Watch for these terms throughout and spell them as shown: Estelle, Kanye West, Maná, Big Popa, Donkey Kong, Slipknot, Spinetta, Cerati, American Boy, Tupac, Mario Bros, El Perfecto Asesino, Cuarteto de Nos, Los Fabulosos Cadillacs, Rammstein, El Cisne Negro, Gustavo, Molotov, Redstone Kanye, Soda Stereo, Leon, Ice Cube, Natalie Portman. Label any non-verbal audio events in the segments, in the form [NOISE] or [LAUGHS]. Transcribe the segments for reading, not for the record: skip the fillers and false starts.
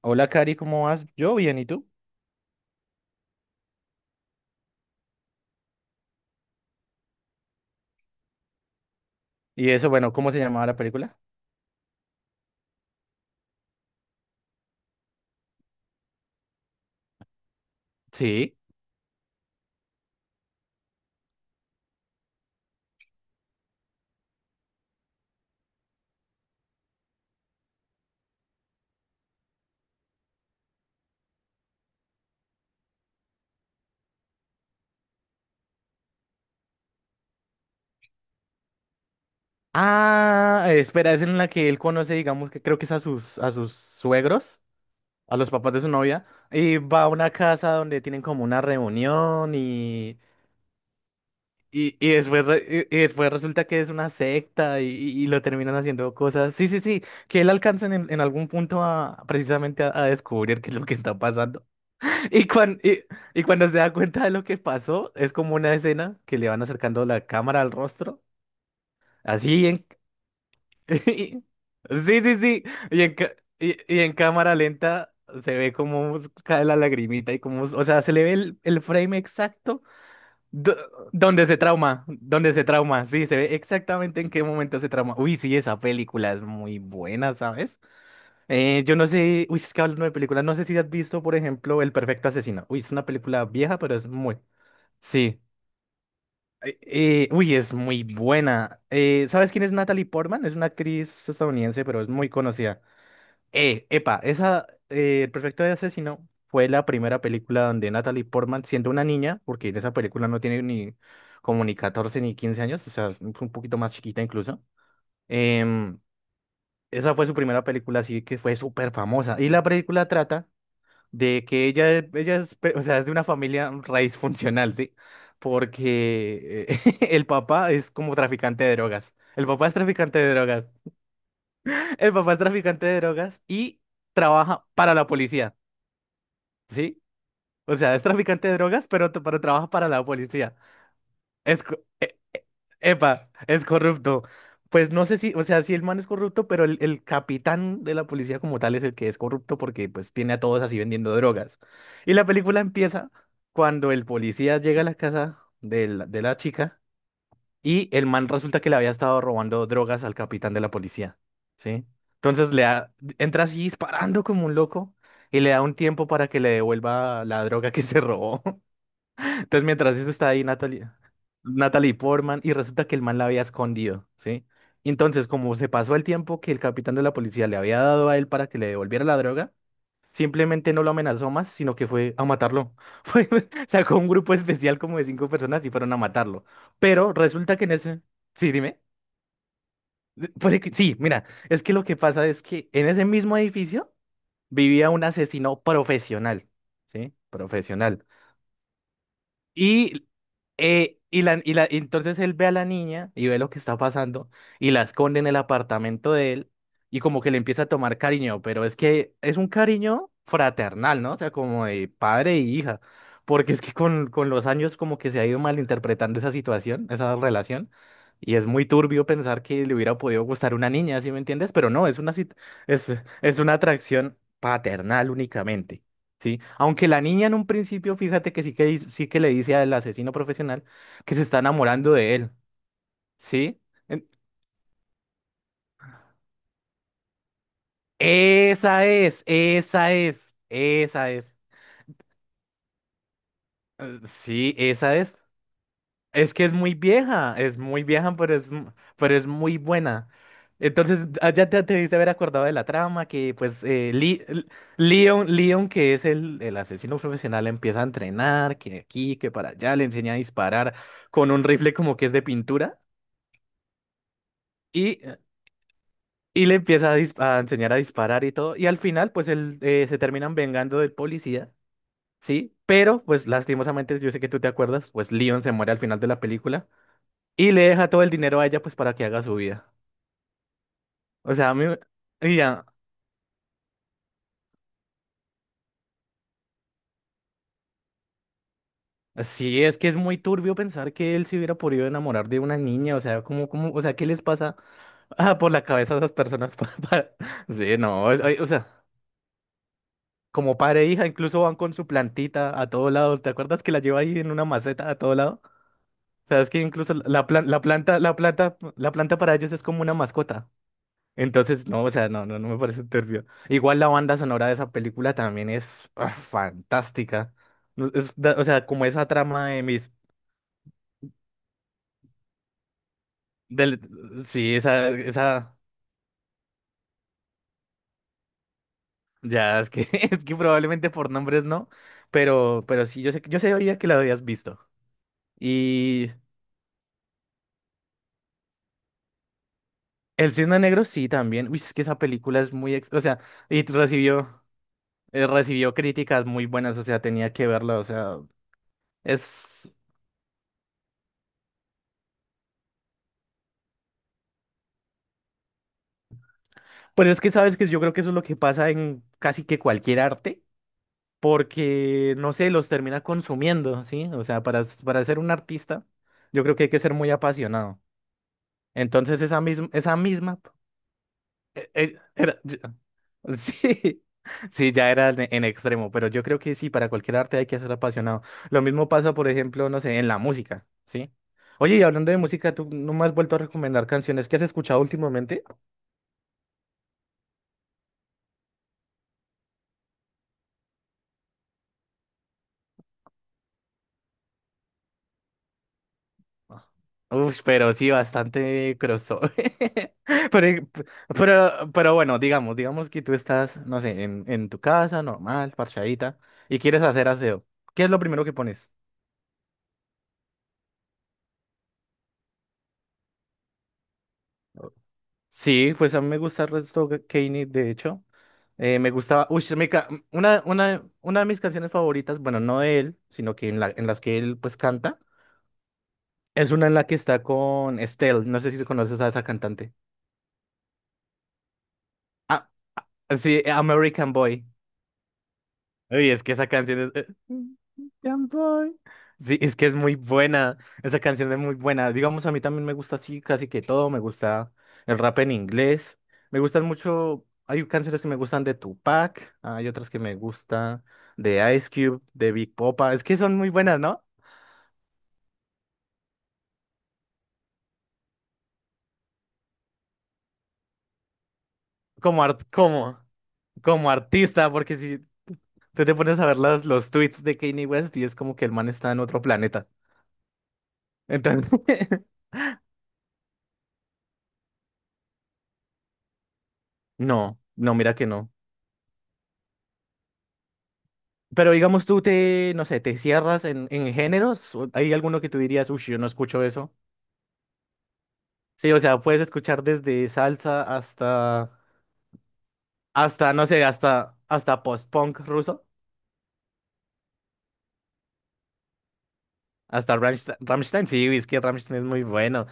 Hola, Cari, ¿cómo vas? Yo bien, ¿y tú? Y eso, bueno, ¿cómo se llamaba la película? Sí. Ah, espera, es en la que él conoce, digamos, que creo que es a sus suegros, a los papás de su novia, y va a una casa donde tienen como una reunión y después, y después resulta que es una secta y lo terminan haciendo cosas. Sí, sí, sí, que él alcanza en algún punto a precisamente a descubrir qué es lo que está pasando. Y, cuan- y, y cuando se da cuenta de lo que pasó, es como una escena que le van acercando la cámara al rostro, así en... [LAUGHS] Sí, sí, sí. Y en, ca- y en cámara lenta se ve cómo cae la lagrimita y cómo... O sea, se le ve el frame exacto do- donde se trauma, donde se trauma. Sí, se ve exactamente en qué momento se trauma. Uy, sí, esa película es muy buena, ¿sabes? Yo no sé, uy, es que hablando de películas, no sé si has visto, por ejemplo, El Perfecto Asesino. Uy, es una película vieja, pero es muy... Sí. Uy, es muy buena. ¿Sabes quién es Natalie Portman? Es una actriz estadounidense, pero es muy conocida. Epa, esa, El Perfecto de Asesino fue la primera película donde Natalie Portman, siendo una niña, porque en esa película no tiene ni como ni 14 ni 15 años, o sea, es un poquito más chiquita incluso. em, esa fue su primera película, así que fue súper famosa. Y la película trata de que ella, ella es, o sea, es de una familia raíz funcional, ¿sí? Porque [LAUGHS] el papá es como traficante de drogas. El papá es traficante de drogas. [LAUGHS] El papá es traficante de drogas y trabaja para la policía, ¿sí? O sea, es traficante de drogas, pero, pero trabaja para la policía. Es, co- e- e- epa, es corrupto. Pues no sé si, o sea, si el man es corrupto, pero el capitán de la policía como tal es el que es corrupto porque pues tiene a todos así vendiendo drogas. Y la película empieza cuando el policía llega a la casa de la chica y el man resulta que le había estado robando drogas al capitán de la policía, ¿sí? Entonces le da- entra así disparando como un loco y le da un tiempo para que le devuelva la droga que se robó. Entonces, mientras esto está ahí, Natalie, Natalie Portman, y resulta que el man la había escondido, ¿sí? Entonces, como se pasó el tiempo que el capitán de la policía le había dado a él para que le devolviera la droga, simplemente no lo amenazó más, sino que fue a matarlo. [LAUGHS] Fue, sacó un grupo especial como de 5 personas y fueron a matarlo. Pero resulta que en ese... Sí, dime. Sí, mira, es que lo que pasa es que en ese mismo edificio vivía un asesino profesional, ¿sí? Profesional. Y, entonces él ve a la niña y ve lo que está pasando y la esconde en el apartamento de él y como que le empieza a tomar cariño, pero es que es un cariño fraternal, ¿no? O sea, como de padre e hija, porque es que con los años como que se ha ido malinterpretando esa situación, esa relación, y es muy turbio pensar que le hubiera podido gustar una niña, ¿sí me entiendes? Pero no, es, es una atracción paternal únicamente. Sí, aunque la niña en un principio, fíjate que sí que sí que le dice al asesino profesional que se está enamorando de él, ¿sí? En- Esa es, esa es, esa es. Sí, esa es. Es que es muy vieja, pero pero es muy buena. Entonces, ah, ya te diste haber acordado de la trama, que pues Leon, Leon, que es el asesino profesional, empieza a entrenar, que aquí, que para allá, le enseña a disparar con un rifle como que es de pintura. Y, y le empieza a, a enseñar a disparar y todo. Y al final, pues él se terminan vengando del policía, ¿sí? Pero, pues lastimosamente, yo sé que tú te acuerdas, pues Leon se muere al final de la película y le deja todo el dinero a ella, pues para que haga su vida. O sea, a mí, y ya, sí, es que es muy turbio pensar que él se hubiera podido enamorar de una niña. O sea, ¿cómo, cómo, o sea, ¿qué les pasa por la cabeza a esas personas? [LAUGHS] Sí, no, ay, o sea. Como padre e hija, incluso van con su plantita a todos lados. ¿Te acuerdas que la lleva ahí en una maceta a todos lados? Sabes que incluso la planta, la planta, la planta para ellos es como una mascota. Entonces, no, o sea, no, no, no me parece turbio. Igual la banda sonora de esa película también es fantástica. No, o sea, como esa trama de mis, del, sí, esa, ya es que, [LAUGHS] es que probablemente por nombres no, pero sí, yo sé, yo sabía que la habías visto. Y El Cisne Negro sí también. Uy, es que esa película es o sea, y recibió. Recibió críticas muy buenas, o sea, tenía que verla, o sea, es... Pues es que sabes que yo creo que eso es lo que pasa en casi que cualquier arte, porque, no sé, los termina consumiendo, ¿sí? O sea, para ser un artista, yo creo que hay que ser muy apasionado. Entonces, esa misma, eh, eh, era- Sí, [LAUGHS] sí, ya era en extremo, pero yo creo que sí, para cualquier arte hay que ser apasionado. Lo mismo pasa, por ejemplo, no sé, en la música, ¿sí? Oye, y hablando de música, tú no me has vuelto a recomendar canciones que has escuchado últimamente. Uf, pero sí, bastante crossover. [LAUGHS] Pero, pero bueno, digamos, digamos que tú estás, no sé, en tu casa, normal, parchadita, y quieres hacer aseo. ¿Qué es lo primero que pones? Sí, pues a mí me gusta Redstone Kanye, de hecho. Me gustaba, uy, una de mis canciones favoritas, bueno, no de él, sino que en las que él pues canta, es una en la que está con Estelle, no sé si conoces a esa cantante. Ah, sí, American Boy. Uy, es que esa canción es... Young boy. Sí, es que es muy buena. Esa canción es muy buena. Digamos, a mí también me gusta así casi que todo. Me gusta el rap en inglés. Me gustan mucho... Hay canciones que me gustan de Tupac. Hay otras que me gustan de Ice Cube, de Big Popa. Es que son muy buenas, ¿no? Como, art- como, como artista, porque si tú te pones a ver las, los tweets de Kanye West y es como que el man está en otro planeta. Entonces, [LAUGHS] no, no, mira que no. Pero digamos tú te, no sé, te cierras en géneros. ¿O ¿Hay alguno que tú dirías, uy, yo no escucho eso? Sí, o sea, puedes escuchar desde salsa hasta, hasta, no sé, hasta post-punk ruso, hasta Rammstein. Rammstein, sí, es que Rammstein es muy bueno.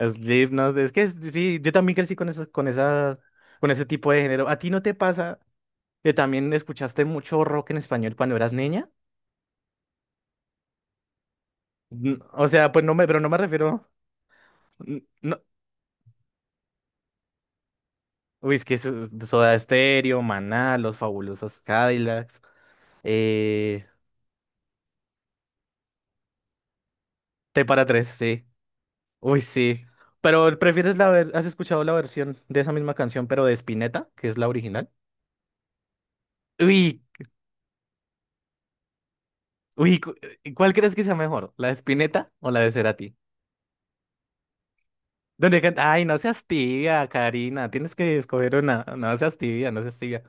Slipknot, es que sí, yo también crecí con esa, con esa, con ese tipo de género. ¿A ti no te pasa que también escuchaste mucho rock en español cuando eras niña? O sea, pues no me, pero no me refiero. No, uy, es que Soda Stereo, Maná, Los Fabulosos Cadillacs, eh, T para tres, sí. Uy, sí. Pero ¿prefieres has escuchado la versión de esa misma canción, pero de Spinetta, que es la original? Uy, uy, cu- ¿cuál crees que sea mejor? ¿La de Spinetta o la de Cerati? Ay, no seas tibia, Karina. Tienes que escoger una. No seas tibia, no seas tibia.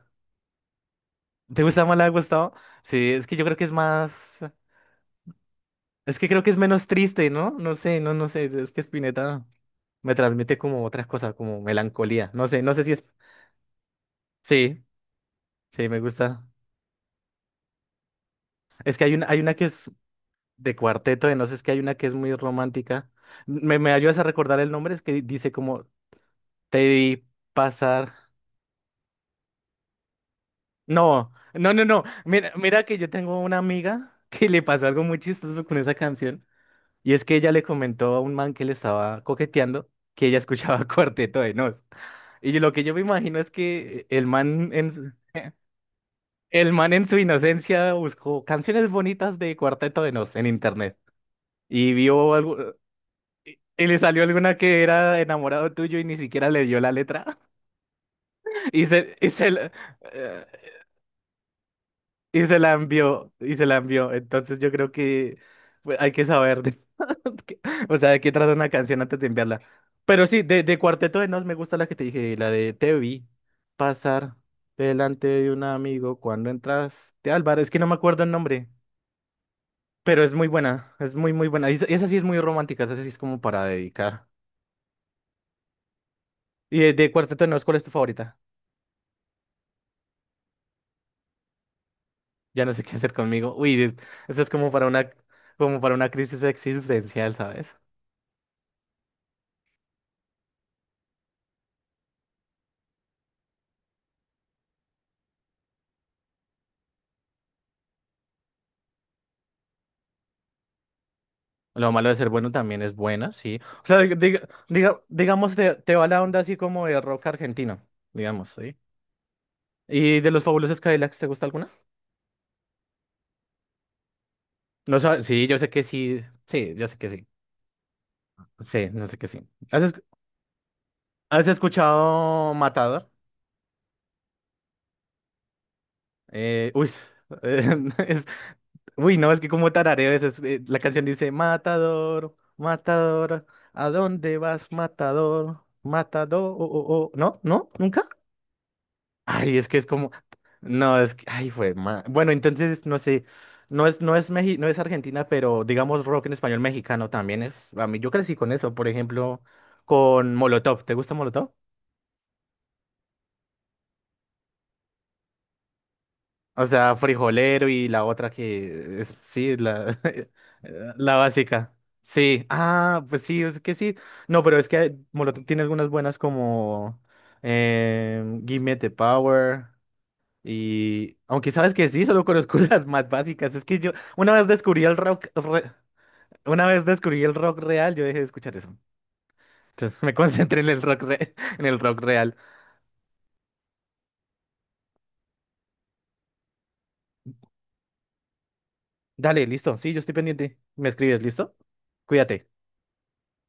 ¿Te gusta más la de Gustavo? Sí, es que yo creo que es más. Es que creo que es menos triste, ¿no? No sé, no, no sé. Es que Spinetta. Me transmite como otras cosas, como melancolía. No sé, no sé si es. Sí, sí, me gusta. Es que hay una que es de cuarteto, de no sé, es que hay una que es muy romántica. ¿Me, me ayudas a recordar el nombre? Es que dice como te vi pasar. No, no, no, no. Mira, mira que yo tengo una amiga [LAUGHS] que le pasó algo muy chistoso con esa canción. Y es que ella le comentó a un man que le estaba coqueteando que ella escuchaba [LAUGHS] Cuarteto de Nos. Lo que yo me imagino es que el man en su inocencia buscó canciones bonitas de Cuarteto de Nos en internet y vio algo y le salió alguna que era enamorado tuyo y ni siquiera le dio la letra [LAUGHS] y se y se la, eh, y se la envió y se la envió. Entonces yo creo que pues, hay que [LAUGHS] que- o sea, de qué trata una canción antes de enviarla. Pero sí, de Cuarteto de Nos me gusta la que te dije, la de Te vi pasar delante de un amigo cuando entraste, Álvaro, es que no me acuerdo el nombre. Pero es muy buena, es muy, muy buena. Esa sí es muy romántica, esa sí es como para dedicar. Y de Cuarteto de Nos, ¿cuál es tu favorita? Ya no sé qué hacer conmigo. Esa es como para una crisis existencial, ¿sabes? Lo malo de ser bueno también es buena, sí. O sea, digamos, te va la onda así como de rock argentino, digamos, ¿sí? ¿Y de los Fabulosos Cadillacs, te gusta alguna? No sabes, sí, yo sé que sí, sí, yo sé que sí. Sí, no sé que sí. ¿Has, esc- ¿has escuchado Matador? Eh, uy, [LAUGHS] eh, es, uy, no, es que como tarareo la canción dice, Matador, Matador, ¿a dónde vas, Matador? Matador, oh, oh, oh". ¿No? ¿No? ¿Nunca? Ay, es que es como, no, es que, ay, bueno, entonces, no sé, no es, no es Argentina, pero digamos rock en español mexicano también es, a mí yo crecí con eso, por ejemplo, con Molotov, ¿te gusta Molotov? O sea, frijolero y la otra que es, sí, la, [LAUGHS] la básica. Sí, ah, pues sí, es que sí. No, pero es que Molotov tiene algunas buenas como Give Me the Power y... Aunque sabes que sí, solo conozco [LAUGHS] las más básicas. Es que yo una vez descubrí el rock real, yo dejé de escuchar eso. Entonces me [LAUGHS] concentré en [LAUGHS] en el rock real. Dale, listo, sí, yo estoy pendiente. Me escribes, ¿listo? Cuídate.